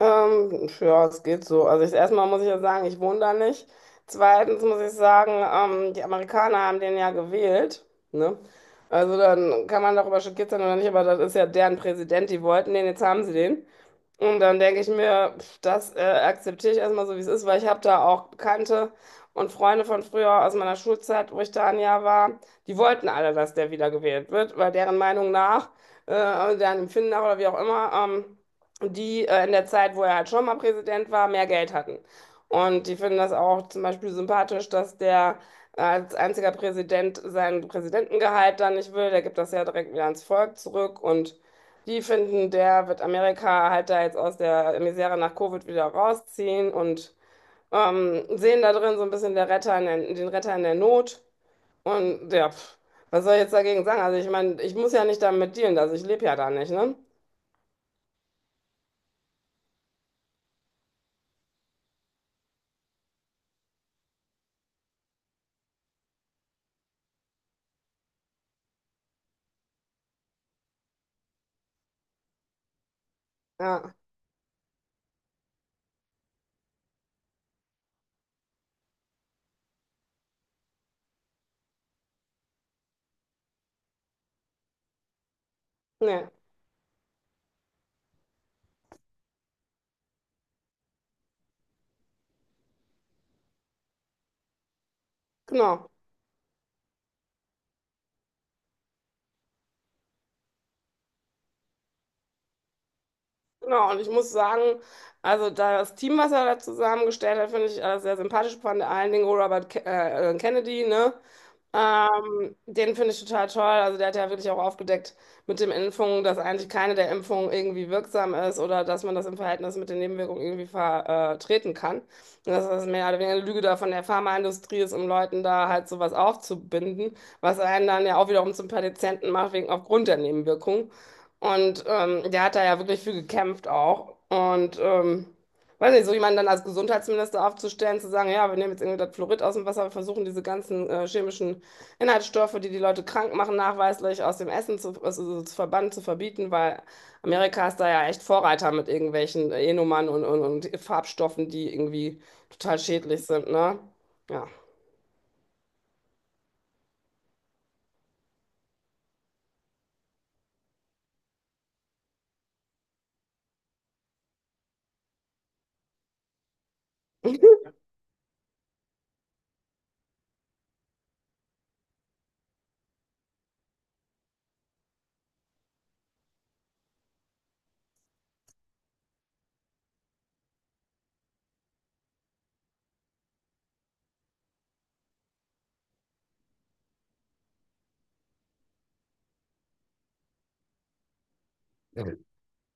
Ja, es geht so. Also erstmal muss ich ja sagen, ich wohne da nicht. Zweitens muss ich sagen, die Amerikaner haben den ja gewählt, ne? Also dann kann man darüber schockiert sein oder nicht, aber das ist ja deren Präsident, die wollten den, jetzt haben sie den. Und dann denke ich mir, das akzeptiere ich erstmal so, wie es ist, weil ich habe da auch Bekannte und Freunde von früher aus meiner Schulzeit, wo ich da ein Jahr war, die wollten alle, dass der wiedergewählt wird, weil deren Meinung nach, also deren Empfinden nach oder wie auch immer, die in der Zeit, wo er halt schon mal Präsident war, mehr Geld hatten. Und die finden das auch zum Beispiel sympathisch, dass der als einziger Präsident sein Präsidentengehalt dann nicht will. Der gibt das ja direkt wieder ans Volk zurück und die finden, der wird Amerika halt da jetzt aus der Misere nach Covid wieder rausziehen und sehen da drin so ein bisschen der Retter in der, den Retter in der Not. Und ja, was soll ich jetzt dagegen sagen? Also ich meine, ich muss ja nicht damit dealen, also ich lebe ja da nicht, ne? Ja, ne, genau. Genau, und ich muss sagen, also da das Team, was er da zusammengestellt hat, finde ich sehr sympathisch, vor allen Dingen Robert Ke Kennedy, ne? Den finde ich total toll. Also der hat ja wirklich auch aufgedeckt mit den Impfungen, dass eigentlich keine der Impfungen irgendwie wirksam ist oder dass man das im Verhältnis mit den Nebenwirkungen irgendwie vertreten kann. Und dass das mehr oder weniger eine Lüge da von der Pharmaindustrie ist, um Leuten da halt sowas aufzubinden, was einen dann ja auch wiederum zum Patienten macht, wegen aufgrund der Nebenwirkungen. Und der hat da ja wirklich für gekämpft auch. Und weiß nicht, so jemanden dann als Gesundheitsminister aufzustellen, zu sagen, ja, wir nehmen jetzt irgendwie das Fluorid aus dem Wasser, wir versuchen diese ganzen chemischen Inhaltsstoffe, die die Leute krank machen, nachweislich aus dem Essen zu, also so zu verbannen, zu verbieten, weil Amerika ist da ja echt Vorreiter mit irgendwelchen E-Nummern und Farbstoffen, die irgendwie total schädlich sind, ne? Ja.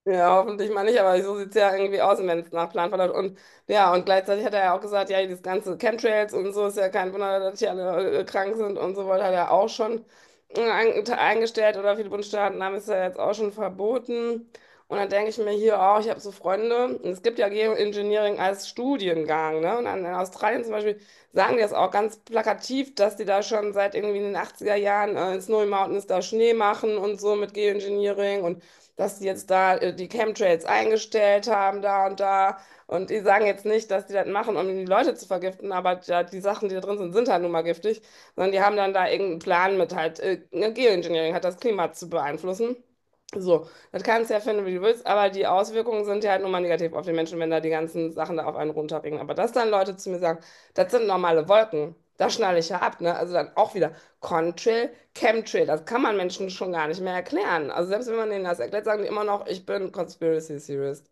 Ja, hoffentlich mal nicht, aber so sieht's ja irgendwie aus, wenn es nach Plan verläuft. Und ja, und gleichzeitig hat er ja auch gesagt, ja, dieses ganze Chemtrails und so ist ja kein Wunder, dass die alle krank sind und so weiter, hat er auch schon eingestellt oder viele Bundesstaaten haben es ja jetzt auch schon verboten. Und dann denke ich mir hier auch, ich habe so Freunde, und es gibt ja Geoengineering als Studiengang, ne? Und dann in Australien zum Beispiel sagen die das auch ganz plakativ, dass die da schon seit irgendwie in den 80er Jahren in Snowy Mountains da Schnee machen und so mit Geoengineering und dass die jetzt da die Chemtrails eingestellt haben, da und da. Und die sagen jetzt nicht, dass die das machen, um die Leute zu vergiften, aber ja, die Sachen, die da drin sind, sind halt nun mal giftig, sondern die haben dann da irgendeinen Plan mit halt, ne, Geoengineering hat das Klima zu beeinflussen. So, das kannst du ja finden, wie du willst, aber die Auswirkungen sind ja halt nun mal negativ auf die Menschen, wenn da die ganzen Sachen da auf einen runterregnen. Aber dass dann Leute zu mir sagen, das sind normale Wolken, da schnalle ich ja ab, ne? Also dann auch wieder. Contrail, Chemtrail. Das kann man Menschen schon gar nicht mehr erklären. Also selbst wenn man denen das erklärt, sagen die immer noch, ich bin Conspiracy Theorist.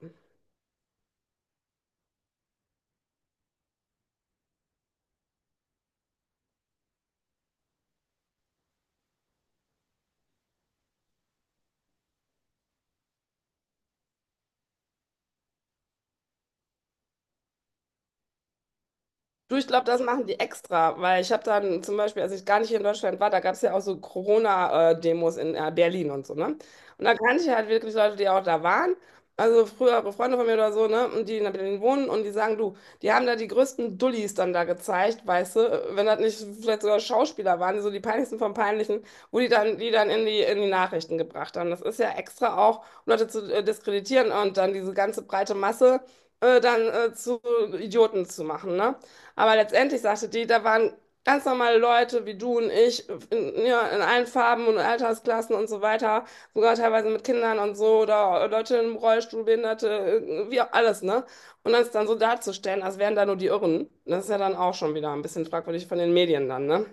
Du, ich glaube, das machen die extra, weil ich habe dann zum Beispiel, als ich gar nicht hier in Deutschland war, da gab es ja auch so Corona-Demos in Berlin und so, ne? Und da kannte ich halt wirklich Leute, die auch da waren, also frühere Freunde von mir oder so, ne? Und die in Berlin wohnen und die sagen, du, die haben da die größten Dullis dann da gezeigt, weißt du, wenn das nicht vielleicht sogar Schauspieler waren, so die peinlichsten vom Peinlichen, wo die dann in die Nachrichten gebracht haben. Das ist ja extra auch, um Leute zu diskreditieren und dann diese ganze breite Masse dann zu Idioten zu machen, ne? Aber letztendlich sagte die, da waren ganz normale Leute wie du und ich in allen Farben und Altersklassen und so weiter, sogar teilweise mit Kindern und so oder Leute im Rollstuhl, Behinderte, wie auch alles, ne? Und dann ist dann so darzustellen, als wären da nur die Irren, das ist ja dann auch schon wieder ein bisschen fragwürdig von den Medien dann, ne?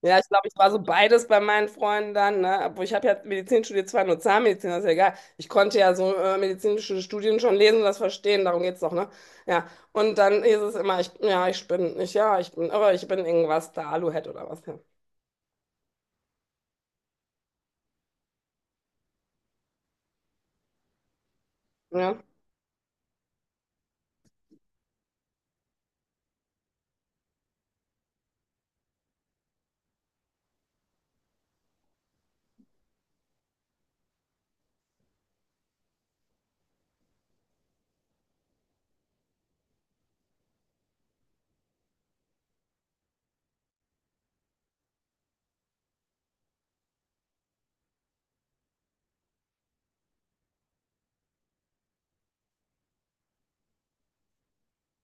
Ja, ich glaube, ich war so beides bei meinen Freunden dann, ne? Obwohl ich habe ja Medizin studiert, zwar nur Zahnmedizin, das ist ja egal. Ich konnte ja so medizinische Studien schon lesen und das verstehen, darum geht's doch, ne? Ja. Und dann hieß es immer, ich, ja, ich bin, ich, ja, ich bin, aber ich bin irgendwas da, Aluhut oder was. Ja. Ja.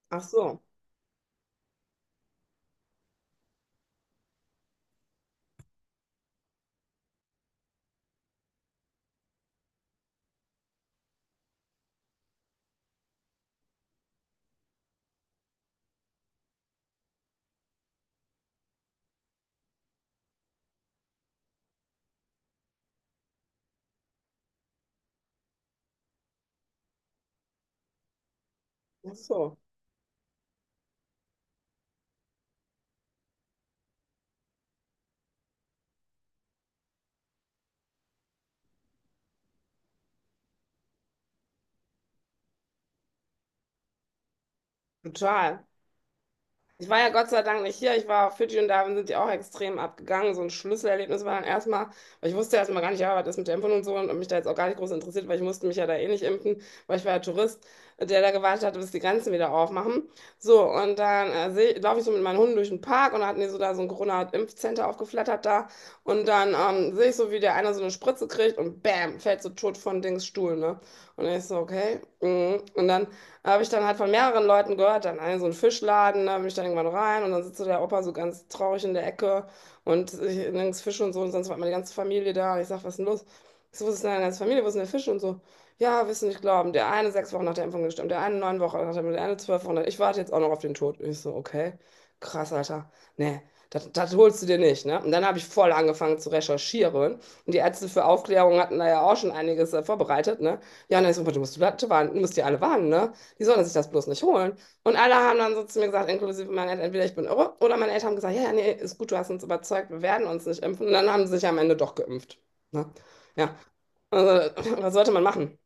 Ach so, ach so, total. Ich war ja Gott sei Dank nicht hier. Ich war auf Fidschi und da sind die auch extrem abgegangen. So ein Schlüsselerlebnis war dann erstmal, weil ich wusste erstmal gar nicht, ja, was ist mit der Impfung und so und hab mich da jetzt auch gar nicht groß interessiert, weil ich musste mich ja da eh nicht impfen, weil ich war ja Tourist, der da gewartet hatte, bis die Grenzen wieder aufmachen. So, und dann laufe ich so mit meinen Hunden durch den Park und da hatten die so da so ein Corona-Impfcenter aufgeflattert da. Und dann sehe ich so, wie der eine so eine Spritze kriegt und bam, fällt so tot von Dings Stuhl, ne? Und ich so, okay. Mhm. Und dann habe ich dann halt von mehreren Leuten gehört, dann in so einen Fischladen, da bin ich dann irgendwann rein und dann sitzt so der Opa so ganz traurig in der Ecke und nirgends Fisch und so und sonst war meine ganze Familie da und ich sag, was ist denn los? Ich so, wo ist denn deine ganze Familie, wo ist denn der Fisch und so? Ja, wirst du nicht glauben, der eine 6 Wochen nach der Impfung gestorben, der eine 9 Wochen nach der Impfung, der eine 12 Wochen, ich warte jetzt auch noch auf den Tod. Ich so, okay, krass, Alter, nee, das holst du dir nicht, ne? Und dann habe ich voll angefangen zu recherchieren und die Ärzte für Aufklärung hatten da ja auch schon einiges vorbereitet, ne? Ja, und dann ist so, du musst die alle warnen, ne? Die sollen sich das bloß nicht holen. Und alle haben dann so zu mir gesagt, inklusive meiner Eltern, entweder ich bin irre oder meine Eltern haben gesagt, ja, ja, nee, ist gut, du hast uns überzeugt, wir werden uns nicht impfen. Und dann haben sie sich am Ende doch geimpft. Ne? Ja, also, was sollte man machen?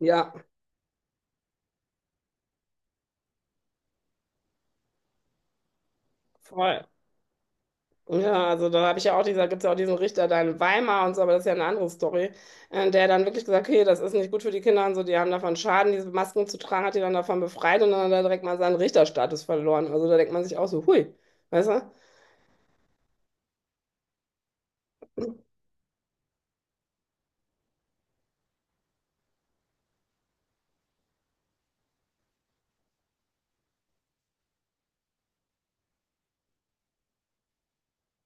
Ja, voll. Ja, also da habe ich ja auch gibt es ja auch diesen Richter da in Weimar und so, aber das ist ja eine andere Story, der dann wirklich gesagt, okay, das ist nicht gut für die Kinder und so, die haben davon Schaden, diese Masken zu tragen, hat die dann davon befreit und dann hat er direkt mal seinen Richterstatus verloren. Also da denkt man sich auch so, hui, weißt du?